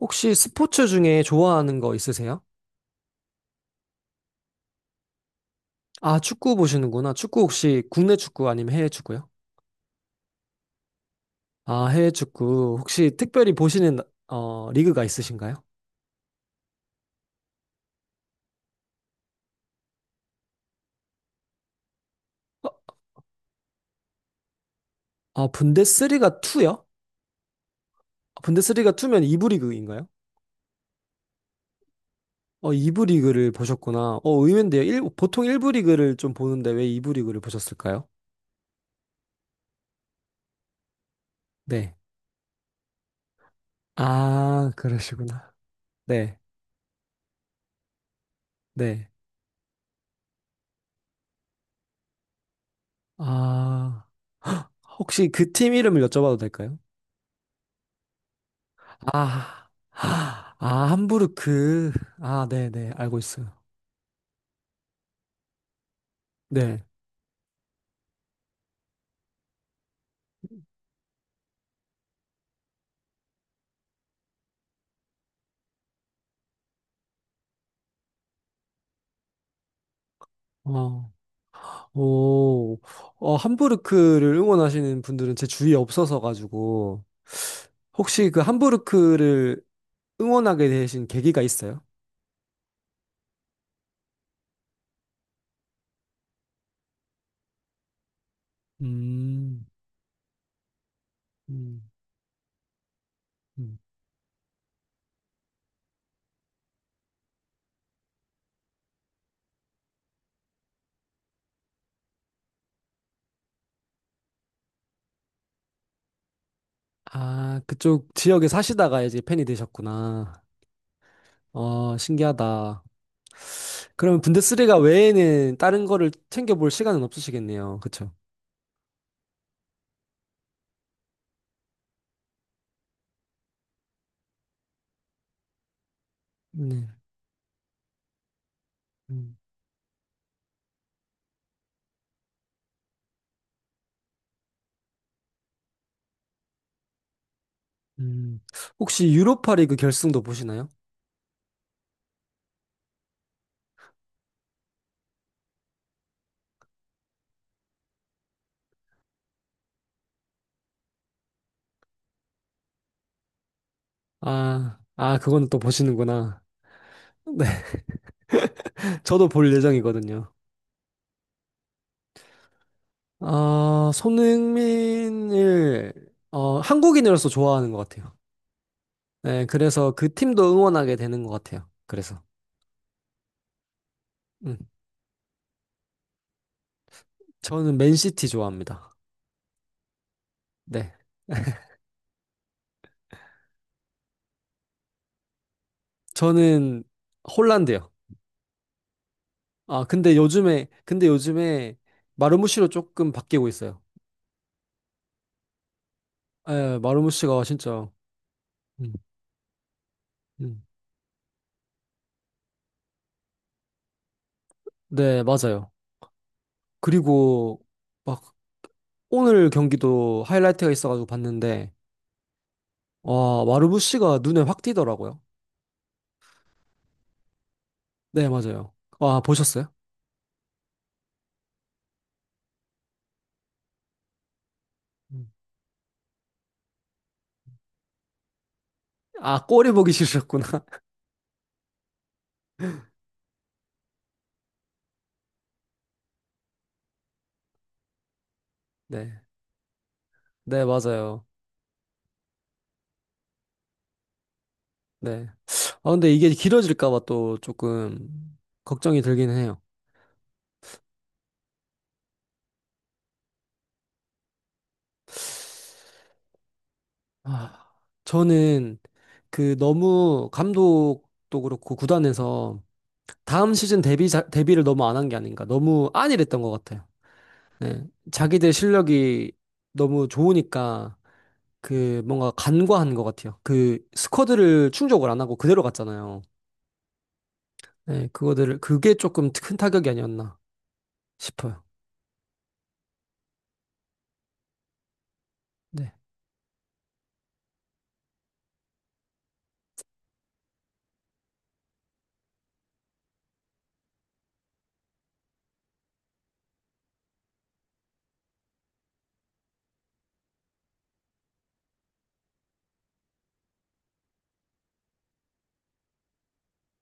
혹시 스포츠 중에 좋아하는 거 있으세요? 아, 축구 보시는구나. 축구 혹시 국내 축구 아니면 해외 축구요? 아, 해외 축구. 혹시 특별히 보시는 어, 리그가 있으신가요? 어, 아, 분데스리가 2요? 분데스리가 2면 2부 리그인가요? 어, 2부 리그를 보셨구나. 어, 의외인데요. 보통 1부 리그를 좀 보는데 왜 2부 리그를 보셨을까요? 네. 아, 그러시구나. 네. 네. 아, 혹시 그 팀 이름을 여쭤봐도 될까요? 아, 아, 함부르크. 아, 네네, 알고 있어요. 네. 어, 오, 어, 함부르크를 응원하시는 분들은 제 주위에 없어서 가지고, 혹시 그 함부르크를 응원하게 되신 계기가 있어요? 음, 음, 음. 아, 그쪽 지역에 사시다가 이제 팬이 되셨구나. 어, 신기하다. 그러면 분데스리가 외에는 다른 거를 챙겨볼 시간은 없으시겠네요. 그쵸? 네. 음, 혹시 유로파 리그 결승도 보시나요? 아, 아, 그거는 또 보시는구나. 네, 저도 볼 예정이거든요. 아, 손흥민을, 어, 한국인으로서 좋아하는 것 같아요. 네, 그래서 그 팀도 응원하게 되는 것 같아요. 그래서. 음, 저는 맨시티 좋아합니다. 네. 저는 홀란드요. 아, 근데 요즘에, 근데 요즘에 마르무시로 조금 바뀌고 있어요. 예, 마르무시가 진짜, 음, 음. 네, 맞아요. 그리고 막 오늘 경기도 하이라이트가 있어가지고 봤는데 와 마르부시가 눈에 확 띄더라고요. 네 맞아요. 와 보셨어요? 음. 아 꼬리 보기 싫으셨구나. 네, 네 맞아요. 네. 아 근데 이게 길어질까 봐 또 조금 걱정이 들긴 해요. 아 저는 그 너무 감독도 그렇고 구단에서 다음 시즌 데뷔를 너무 안 한 게 아닌가 너무 안일했던 것 같아요. 네. 자기들 실력이 너무 좋으니까 그 뭔가 간과한 것 같아요. 그 스쿼드를 충족을 안 하고 그대로 갔잖아요. 네, 그거들을 그게 조금 큰 타격이 아니었나 싶어요. 네.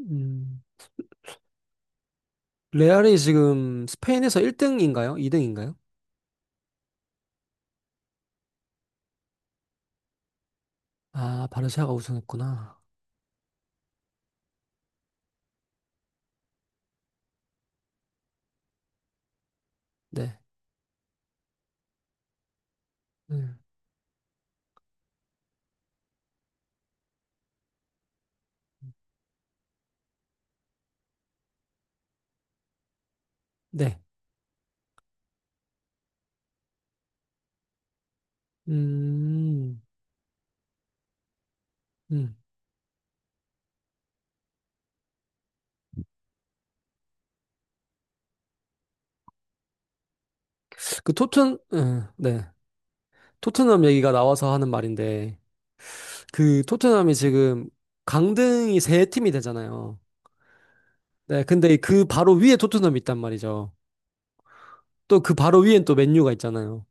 음, 레알이 지금 스페인에서 1등인가요? 2등인가요? 아, 바르샤가 우승했구나. 네. 네. 네. 음. 음. 그 토튼 네. 토트넘 얘기가 나와서 하는 말인데 그 토트넘이 지금 강등이 세 팀이 되잖아요. 네, 근데 이그 바로 위에 토트넘이 있단 말이죠. 또 그 바로 위엔 또 맨유가 있잖아요.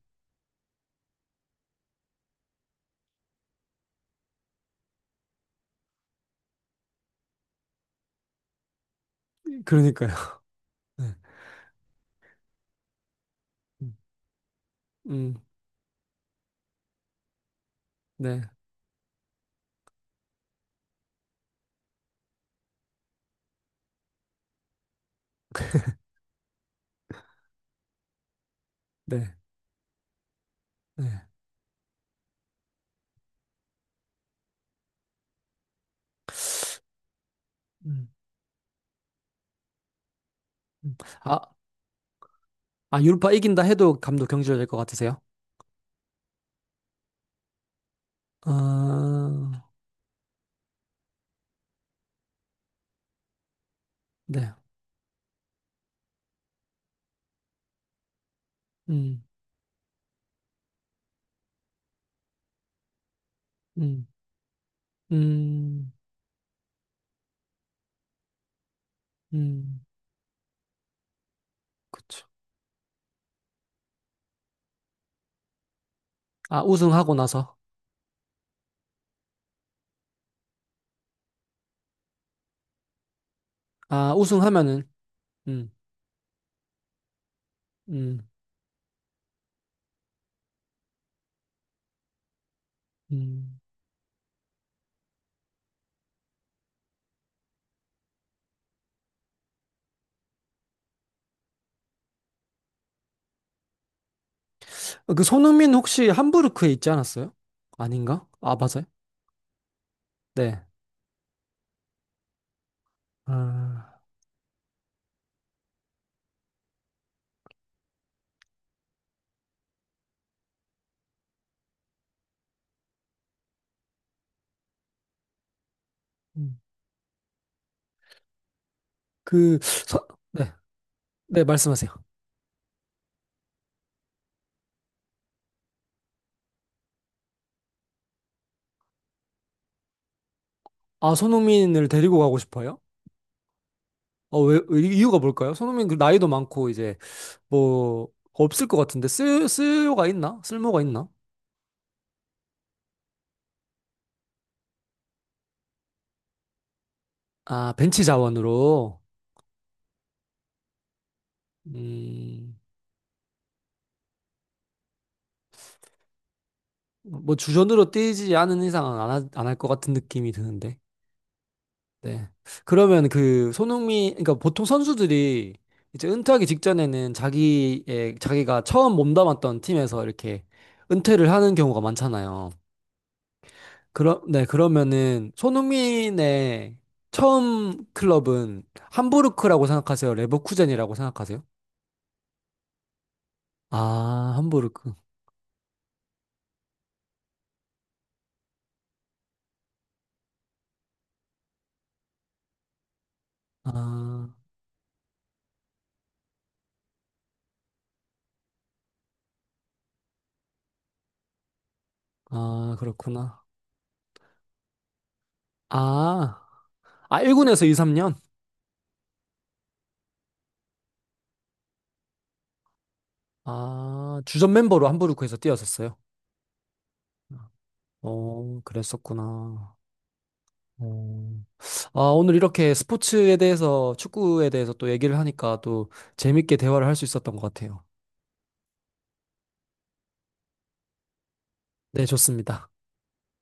그러니까요. 네. 음, 음, 네, 네, 네. 음, 음. 아, 아, 유로파 이긴다 해도 감독 경질될 것 같으세요? 아, 네. 음, 음, 음, 음, 그쵸. 아, 우승하고 나서. 아, 우승하면은, 음, 음, 음. 어, 그 손흥민 혹시 함부르크에 있지 않았어요? 아닌가? 아, 맞아요? 네. 아, 음. 그, 서, 네. 네, 말씀하세요. 아, 손흥민을 데리고 가고 싶어요? 어, 왜, 이유가 뭘까요? 손흥민 그 나이도 많고 이제 뭐 없을 것 같은데 쓸모가 있나? 쓸모가 있나? 아, 벤치 자원으로 음, 뭐 주전으로 뛰지 않은 이상은 안, 할 것 같은 느낌이 드는데. 네. 그러면 그 손흥민 그러니까 보통 선수들이 이제 은퇴하기 직전에는 자기의 자기가 처음 몸담았던 팀에서 이렇게 은퇴를 하는 경우가 많잖아요. 그러, 네, 그러면은 손흥민의 처음 클럽은 함부르크라고 생각하세요? 레버쿠젠이라고 생각하세요? 아, 함부르크. 아, 아, 그렇구나. 아, 아, 1군에서 2, 3년? 아, 주전 멤버로 함부르크에서 뛰었었어요. 어, 그랬었구나. 어. 아, 오늘 이렇게 스포츠에 대해서, 축구에 대해서 또 얘기를 하니까 또 재밌게 대화를 할 수 있었던 것 같아요. 네, 좋습니다.